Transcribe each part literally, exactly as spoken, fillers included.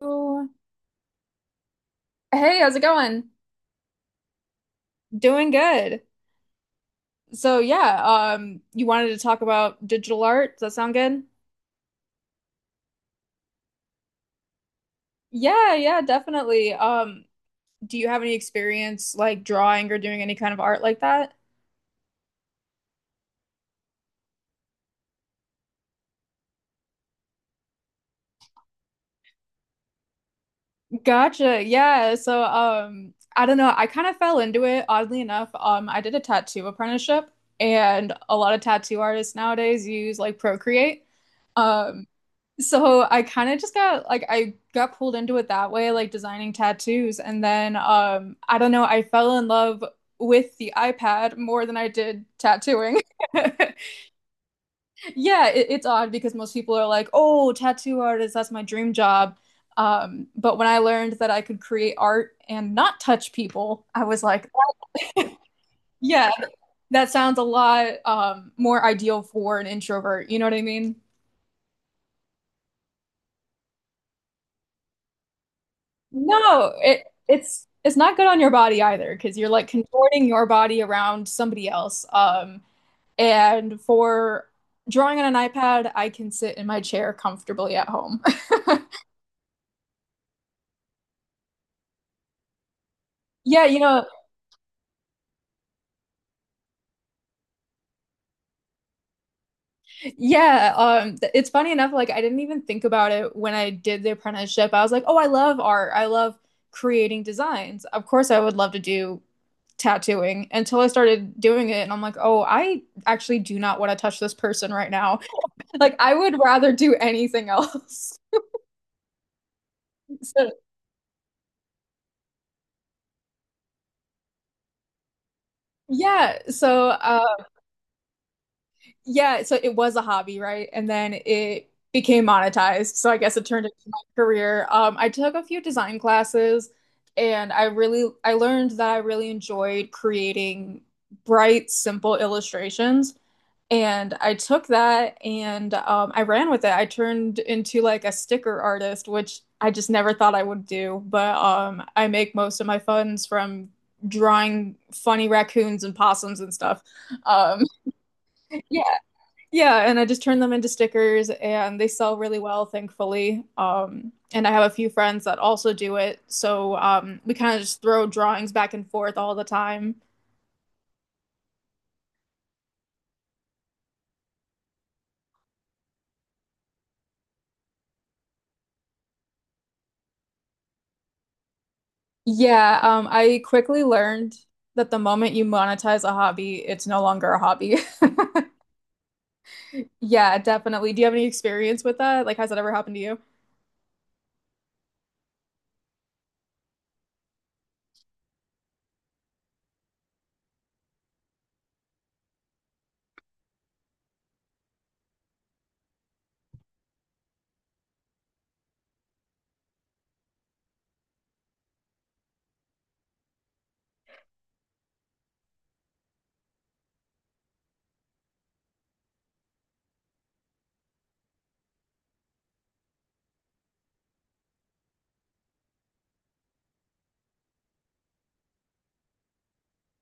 Hello. Hey, how's it going? Doing good. So yeah, um, you wanted to talk about digital art. Does that sound good? Yeah, yeah, definitely. Um, do you have any experience like drawing or doing any kind of art like that? Gotcha. Yeah. So um, I don't know. I kind of fell into it oddly enough. Um, I did a tattoo apprenticeship, and a lot of tattoo artists nowadays use like Procreate. Um, So I kind of just got like I got pulled into it that way, like designing tattoos. And then um I don't know, I fell in love with the iPad more than I did tattooing. Yeah, it, it's odd because most people are like, "Oh, tattoo artist, that's my dream job." Um, but when I learned that I could create art and not touch people, I was like, "Yeah, that sounds a lot um more ideal for an introvert." You know what I mean? No, it it's it's not good on your body either because you're like contorting your body around somebody else. Um, and for drawing on an iPad, I can sit in my chair comfortably at home. Yeah, you know, yeah. Um, th- it's funny enough, like I didn't even think about it when I did the apprenticeship. I was like, oh, I love art. I love creating designs. Of course, I would love to do tattooing until I started doing it, and I'm like, oh, I actually do not want to touch this person right now. Like I would rather do anything else. So yeah, so uh yeah, so it was a hobby, right? And then it became monetized. So I guess it turned into my career. Um I took a few design classes and I really I learned that I really enjoyed creating bright, simple illustrations. And I took that and um, I ran with it. I turned into like a sticker artist, which I just never thought I would do. But um, I make most of my funds from drawing funny raccoons and possums and stuff. Um, yeah, yeah. And I just turn them into stickers and they sell really well, thankfully. Um, and I have a few friends that also do it. So um, we kind of just throw drawings back and forth all the time. Yeah, um, I quickly learned that the moment you monetize a hobby, it's no longer a hobby. Yeah, definitely. Do you have any experience with that? Like, has that ever happened to you?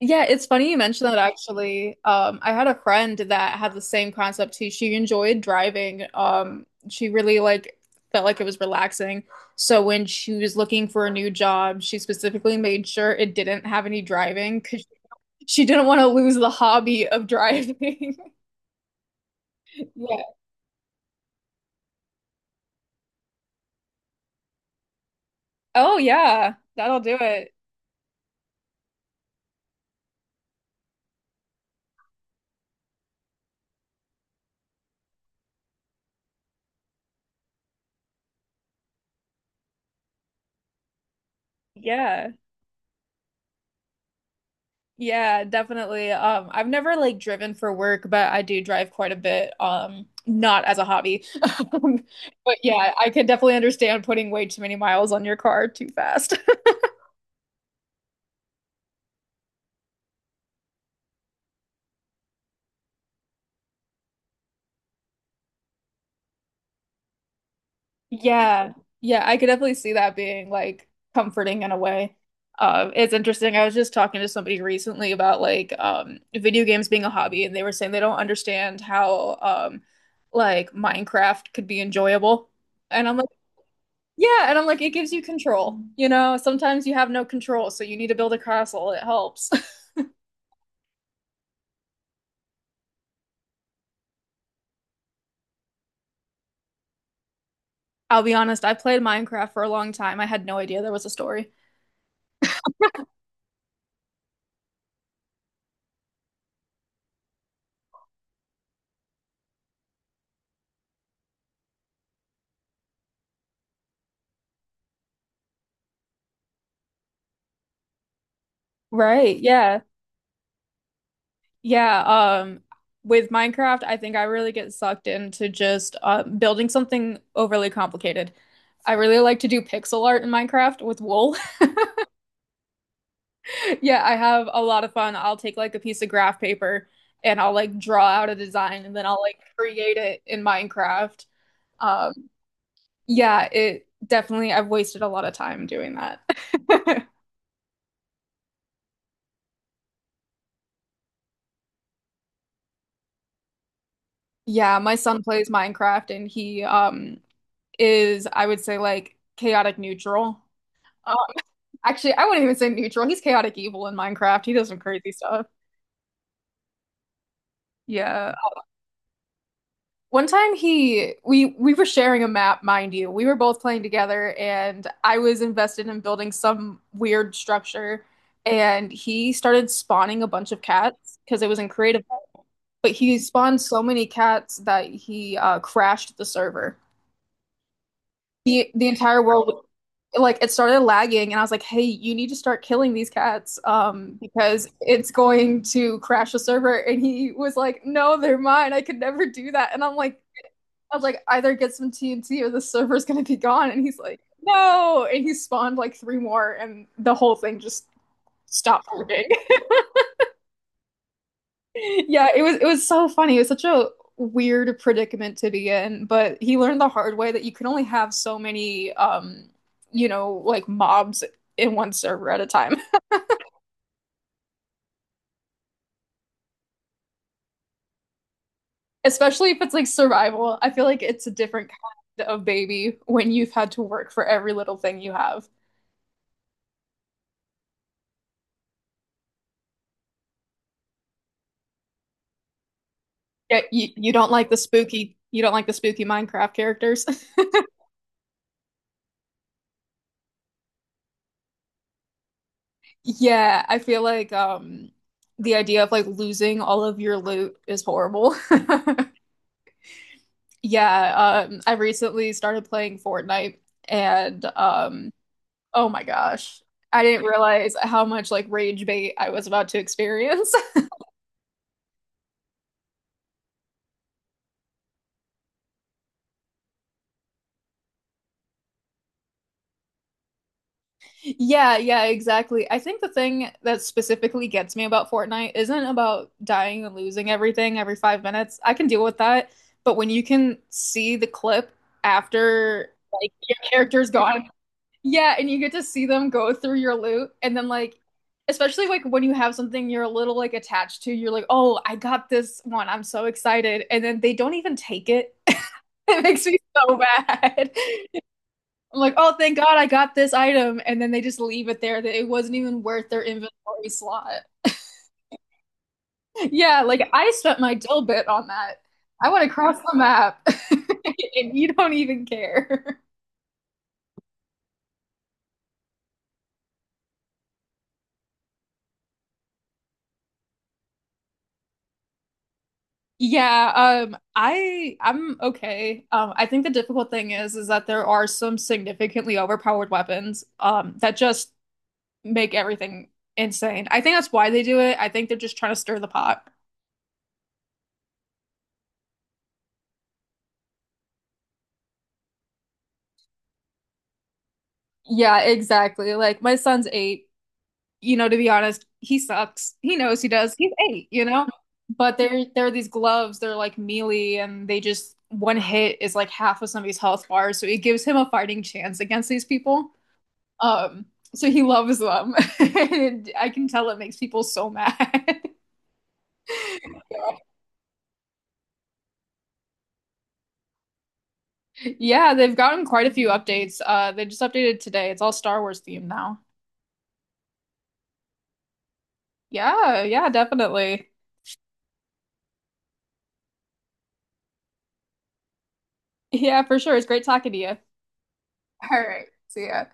Yeah, it's funny you mentioned that actually. Um, I had a friend that had the same concept too. She enjoyed driving. Um, she really like Felt like it was relaxing. So when she was looking for a new job, she specifically made sure it didn't have any driving because she didn't want to lose the hobby of driving. Yeah. Oh yeah, that'll do it. Yeah. Yeah, definitely. Um, I've never like driven for work, but I do drive quite a bit. Um, not as a hobby. Um, but yeah, I can definitely understand putting way too many miles on your car too fast. Yeah. Yeah, I could definitely see that being like comforting in a way. Um, it's interesting. I was just talking to somebody recently about like um video games being a hobby, and they were saying they don't understand how um like Minecraft could be enjoyable. And I'm Yeah, and I'm like, it gives you control. You know, sometimes you have no control, so you need to build a castle. It helps. I'll be honest, I played Minecraft for a long time. I had no idea there was a story. Right, yeah. Yeah, um with Minecraft, I think I really get sucked into just uh, building something overly complicated. I really like to do pixel art in Minecraft with wool. Yeah, I have a lot of fun. I'll take like a piece of graph paper and I'll like draw out a design and then I'll like create it in Minecraft. Um Yeah, it definitely, I've wasted a lot of time doing that. Yeah, my son plays Minecraft and he um is, I would say, like chaotic neutral. Um, Actually, I wouldn't even say neutral. He's chaotic evil in Minecraft. He does some crazy stuff. Yeah. One time he we we were sharing a map, mind you. We were both playing together and I was invested in building some weird structure and he started spawning a bunch of cats because it was in creative, but he spawned so many cats that he uh, crashed the server. The the entire world like it started lagging and I was like, "Hey, you need to start killing these cats um because it's going to crash the server." And he was like, "No, they're mine. I could never do that." And I'm like I was like, "Either get some T N T or the server's going to be gone." And he's like, "No." And he spawned like three more and the whole thing just stopped working. Yeah, it was it was so funny. It was such a weird predicament to be in, but he learned the hard way that you can only have so many um, you know, like mobs in one server at a time. Especially if it's like survival. I feel like it's a different kind of baby when you've had to work for every little thing you have. Yeah, you, you don't like the spooky you don't like the spooky Minecraft characters. Yeah, I feel like um the idea of like losing all of your loot is horrible. Yeah, um, I recently started playing Fortnite and um, oh my gosh, I didn't realize how much like rage bait I was about to experience. Yeah, yeah, exactly. I think the thing that specifically gets me about Fortnite isn't about dying and losing everything every five minutes. I can deal with that, but when you can see the clip after like your character's gone. Yeah, and you get to see them go through your loot and then like especially like when you have something you're a little like attached to, you're like, "Oh, I got this one. I'm so excited." And then they don't even take it. It makes me so bad. I'm like, "Oh, thank God I got this item." And then they just leave it there that it wasn't even worth their inventory slot. Yeah, like I spent my dill bit on that. I went across the map and you don't even care. Yeah, um, I I'm okay. Um, I think the difficult thing is is that there are some significantly overpowered weapons um that just make everything insane. I think that's why they do it. I think they're just trying to stir the pot. Yeah, exactly. Like my son's eight, you know, to be honest, he sucks. He knows he does. He's eight, you know? But there there are these gloves, they're like melee and they just one hit is like half of somebody's health bar, so it gives him a fighting chance against these people. Um, so he loves them. And I can tell it makes people so mad. Yeah, they've gotten quite a few updates. Uh, they just updated today. It's all Star Wars themed now. Yeah, yeah, definitely. Yeah, for sure. It's great talking to you. All right. See ya.